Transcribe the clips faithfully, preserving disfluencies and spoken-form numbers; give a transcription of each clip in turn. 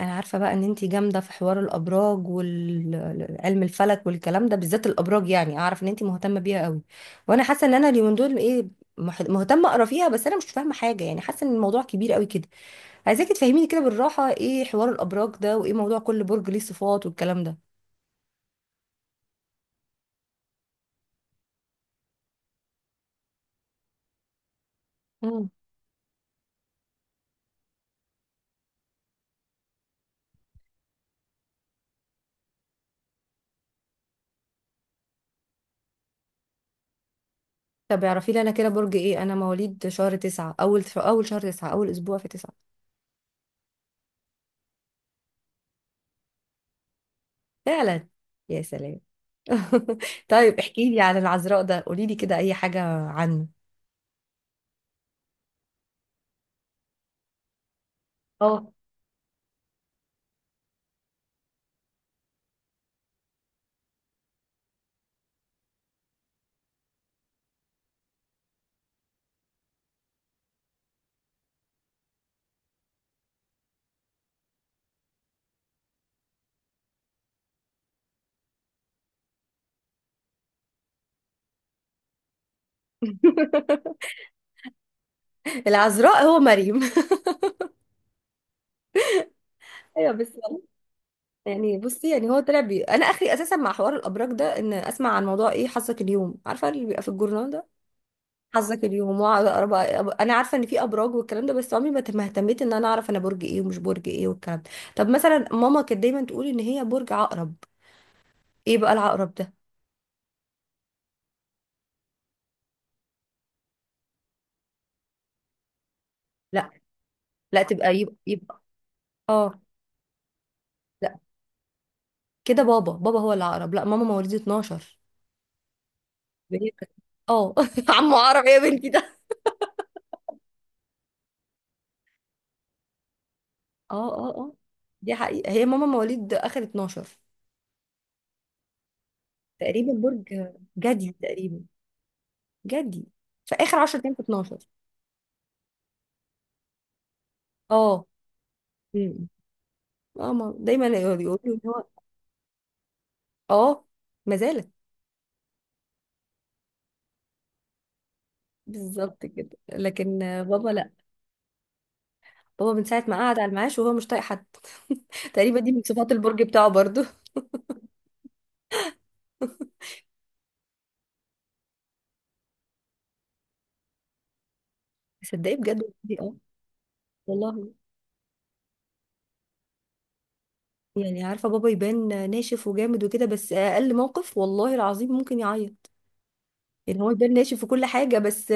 انا عارفه بقى ان انتي جامده في حوار الابراج وعلم الفلك والكلام ده، بالذات الابراج، يعني اعرف ان انتي مهتمه بيها قوي. وانا حاسه ان انا اليومين دول ايه، مح- مهتمه اقرا فيها. بس انا مش فاهمه حاجه، يعني حاسه ان الموضوع كبير قوي كده. عايزاكي تفهميني كده بالراحه، ايه حوار الابراج ده، وايه موضوع كل برج ليه صفات والكلام ده. مم. طب اعرفي لي انا كده برج ايه؟ انا مواليد شهر تسعة، اول اول شهر تسعة، اول اسبوع في تسعة. فعلا. يا سلام. طيب احكي لي عن العذراء ده، قولي لي كده اي حاجه عنه. العذراء هو مريم. ايوه، بس والله. يعني بصي، يعني هو طلع بي... انا اخري اساسا مع حوار الابراج ده ان اسمع عن موضوع ايه حظك اليوم، عارفه اللي بيبقى في الجورنال ده، حظك اليوم واقعد اقرا بقى- انا عارفه ان في ابراج والكلام ده، بس عمري ما ما اهتميت ان انا اعرف انا برج ايه ومش برج ايه والكلام ده. طب مثلا، ماما كانت دايما تقول ان هي برج عقرب. ايه بقى العقرب ده؟ لا، لا تبقى، يبقى يبقى اه. لا كده بابا بابا هو العقرب، لا، ماما مواليد اتناشر، وهي كانت- اه. عمو عقرب ايه يا بنتي؟ اه، اه، اه. دي حقيقة، هي ماما مواليد اخر اتناشر. تقريبا برج جدي، تقريبا جدي، في اخر عشرة ايام في اتناشر. اه، امم اه، ما- دايما يقولوا ان هو. اه، ما زالت. بالظبط كده، لكن آه، بابا لا. بابا من ساعة ما قعد على المعاش وهو مش طايق حد. تقريبا دي من صفات البرج بتاعه برضو. تصدقي بجد والله، اه والله. يعني عارفة، بابا يبان ناشف وجامد وكده، بس اقل موقف والله العظيم ممكن يعيط. يعني هو البان ناشف في كل حاجة، بس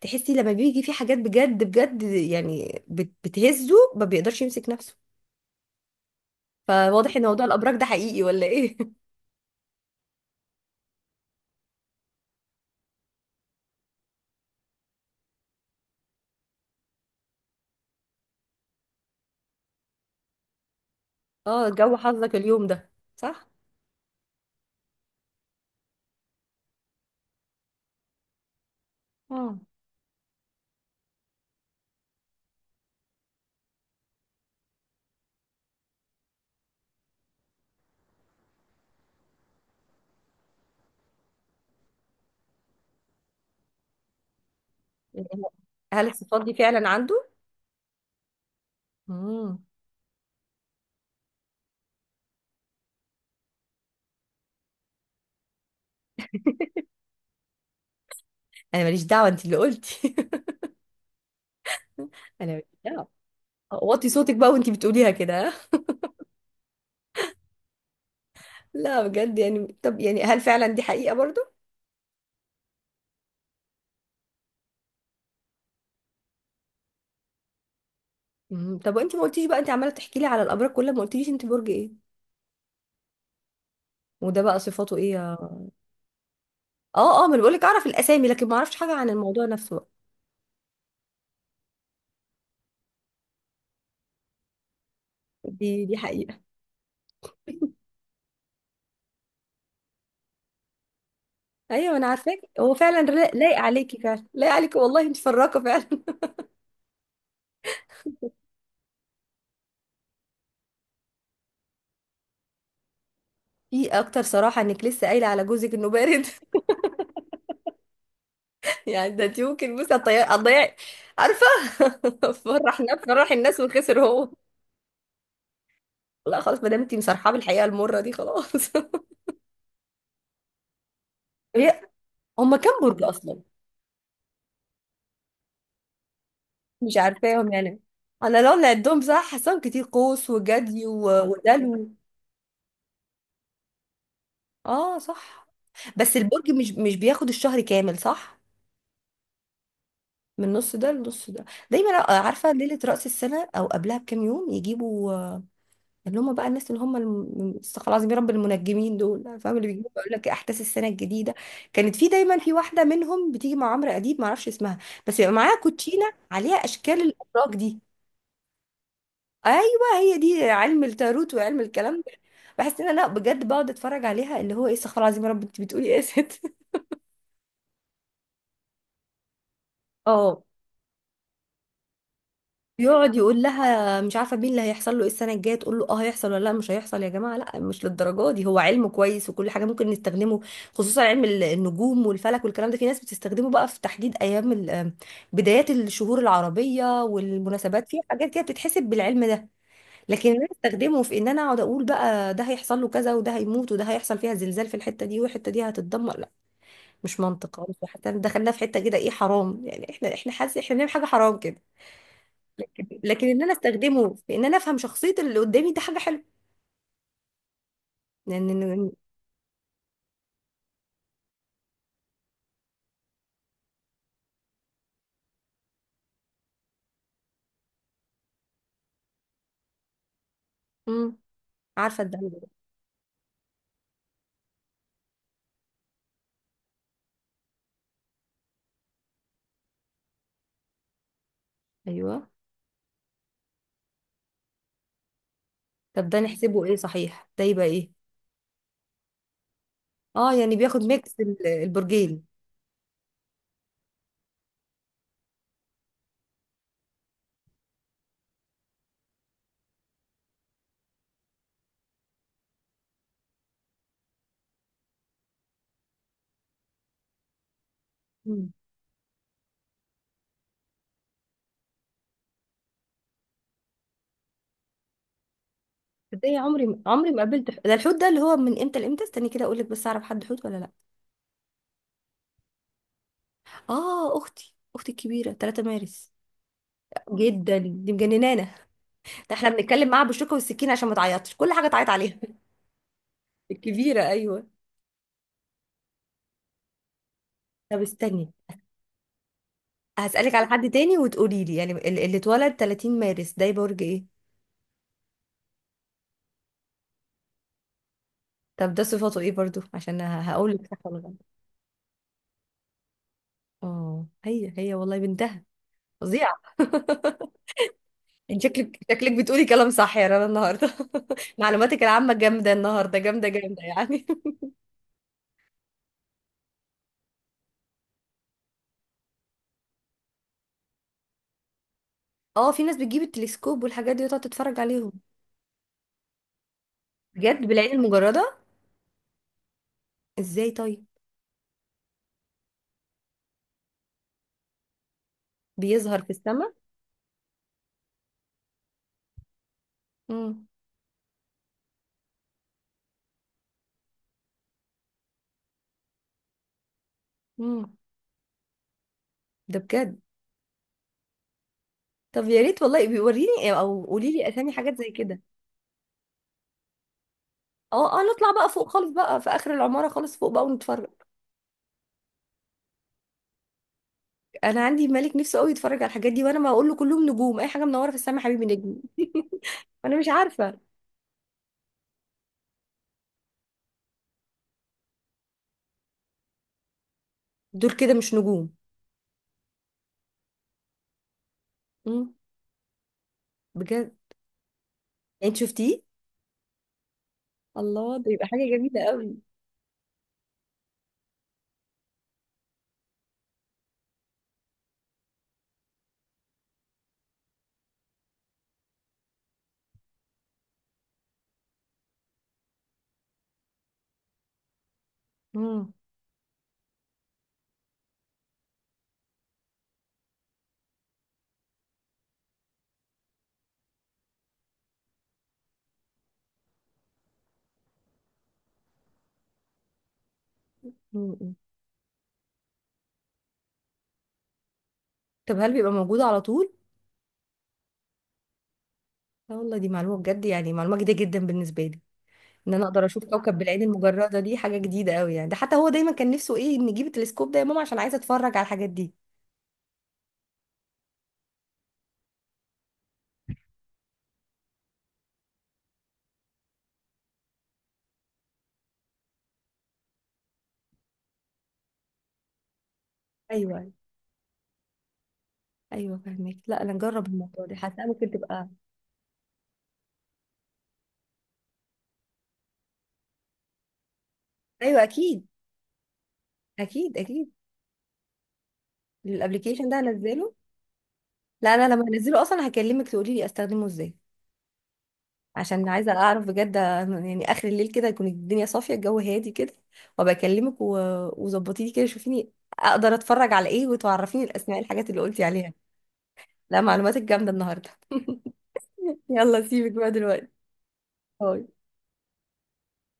تحسي لما بيجي في حاجات بجد بجد، يعني بت- بتهزه، ما بيقدرش يمسك نفسه. فواضح ان موضوع الابراج ده حقيقي ولا ايه؟ اه، جو حظك اليوم ده. صح. اه. يعني هو- هل الصفات دي فعلا عنده؟ امم. انا ماليش دعوة، انت اللي قلتي. انا ماليش دعوة. وطي صوتك بقى وانت بتقوليها كده. ها؟ لا بجد يعني، طب يعني هل فعلا دي حقيقة برضو؟ مم. طب انت ما قلتيش بقى، انت عمالة تحكي لي على الابراج كلها ما قلتيش انت برج ايه. وده بقى صفاته ايه؟ اه، اه. ما انا بقولك اعرف الاسامي، لكن ما اعرفش حاجه عن الموضوع نفسه بقى. دي دي حقيقه. ايوه، انا عارفاك، هو فعلا لا- لايق عليكي، فعلا لايق عليكي، والله انت فراقه فعلا. في اكتر صراحه انك لسه قايله على جوزك انه بارد؟ يعني ده انت ممكن، بصي، هتضيعي هتضيعي، عارفه. فرح الناس، فرح الناس، وخسر هو. لا خلاص، ما دام انت مصرحه بالحقيقه المره دي، خلاص. هي، هما كام برج اصلا؟ مش عارفاهم يعني. انا لو نعدهم صح حاساهم كتير، قوس وجدي و- ودلو. اه صح. بس البرج مش مش بياخد الشهر كامل، صح؟ من نص ده لنص ده. دايما أ- عارفه ليله راس السنه او قبلها بكام يوم يجيبوا، آه، اللي هم بقى الناس، اللي هم الم- استغفر الله العظيم يا رب، المنجمين دول، فاهم، اللي بيجيبوا يقول لك احداث السنه الجديده. كانت في دايما في واحده منهم بتيجي مع عمرو اديب، ما اعرفش اسمها. بس بيبقى معاها كوتشينه عليها اشكال الابراج دي. ايوه، هي دي علم التاروت وعلم الكلام ده. بحس ان انا بجد بقعد اتفرج عليها، اللي هو ايه؟ استغفر الله العظيم يا رب، انت بتقولي ايه يا ست؟ بيقعد يقول لها مش عارفه مين، اللي هيحصل له ايه السنه الجايه، تقول له اه هيحصل، ولا لا مش هيحصل. يا جماعه لا، مش للدرجه دي. هو علم كويس وكل حاجه ممكن نستخدمه، خصوصا علم ال- النجوم والفلك والكلام ده. في ناس بتستخدمه بقى في تحديد ايام ال- بدايات الشهور العربيه والمناسبات، في حاجات كده بتتحسب بالعلم ده. لكن انا استخدمه في ان انا اقعد اقول بقى ده هيحصل له كذا، وده هيموت، وده هيحصل فيها زلزال في الحته دي، والحته دي هتتدمر؟ لا. مش منطق خالص، وحتى دخلنا في حته كده ايه، حرام يعني، احنا احنا حاسس احنا بنعمل حاجه حرام كده. لكن ان انا استخدمه في ان انا افهم شخصية اللي قدامي، ده حاجة حلوة. لان لأن- امم. عارفة الدعم ده. ايوه. طب ده نحسبه ايه صحيح؟ ده يبقى ايه؟ اه، يعني بياخد ميكس ال- البرجين. امم. ازاي؟ عمري ما- عمري ما قابلت ح- ده. الحوت ده اللي هو من امتى لامتى؟ استني كده اقول لك، بس اعرف حد حوت ولا لا. اه، اختي اختي الكبيرة 3 مارس. جدا، دي مجننانا. ده احنا بنتكلم معاها بالشوكة والسكينة عشان ما تعيطش، كل حاجة تعيط عليها. الكبيرة، ايوه. طب استني، هسألك على حد تاني وتقولي لي، يعني ال- اللي اتولد 30 مارس ده برج ايه؟ طب ده صفاته ايه برضو، عشان هقول لك صح ولا غلط. اه، هي هي والله بنتها فظيعة. انت شكلك شكلك بتقولي كلام صح يا رنا النهارده. معلوماتك العامة جامدة النهارده، جامدة جامدة يعني. اه، في ناس بتجيب التلسكوب والحاجات دي وتقعد تتفرج عليهم. بجد؟ بالعين المجردة؟ ازاي طيب؟ بيظهر في السماء؟ امم. امم. ده بجد؟ طب يا ريت والله بيوريني، او قولي لي اسامي حاجات زي كده. اه، اه. نطلع بقى فوق خالص بقى، في اخر العماره خالص فوق بقى ونتفرج. انا عندي ملك نفسه قوي يتفرج على الحاجات دي، وانا ما اقول له كلهم نجوم، اي حاجه منوره في السماء حبيبي نجم. انا مش عارفه. دول كده مش نجوم؟ امم. بجد؟ يعني انت شفتيه؟ الله، ده يبقى حاجه جميله قوي. امم. أمم. طب هل بيبقى موجود على طول؟ لا والله، دي معلومه بجد، يعني معلومه جديده جدا بالنسبه لي. ان انا اقدر اشوف كوكب بالعين المجرده، دي حاجه جديده قوي. يعني ده حتى هو دايما كان نفسه ايه، نجيب التلسكوب ده يا ماما عشان عايزه اتفرج على الحاجات دي. ايوه، ايوه فاهمك. لا انا نجرب الموضوع ده، حاسه ممكن تبقى. ايوه، اكيد، اكيد، اكيد. الابلكيشن ده هنزله. لا، انا لما هنزله اصلا هكلمك تقولي لي استخدمه ازاي. عشان عايزه اعرف بجد، يعني اخر الليل كده يكون الدنيا صافيه الجو هادي كده، وابقى اكلمك و... وظبطي لي كده شوفيني، اقدر اتفرج على ايه، وتعرفيني الاسماء الحاجات اللي قلتي عليها. لا، معلوماتك جامده النهارده. يلا سيبك بقى دلوقتي. باي.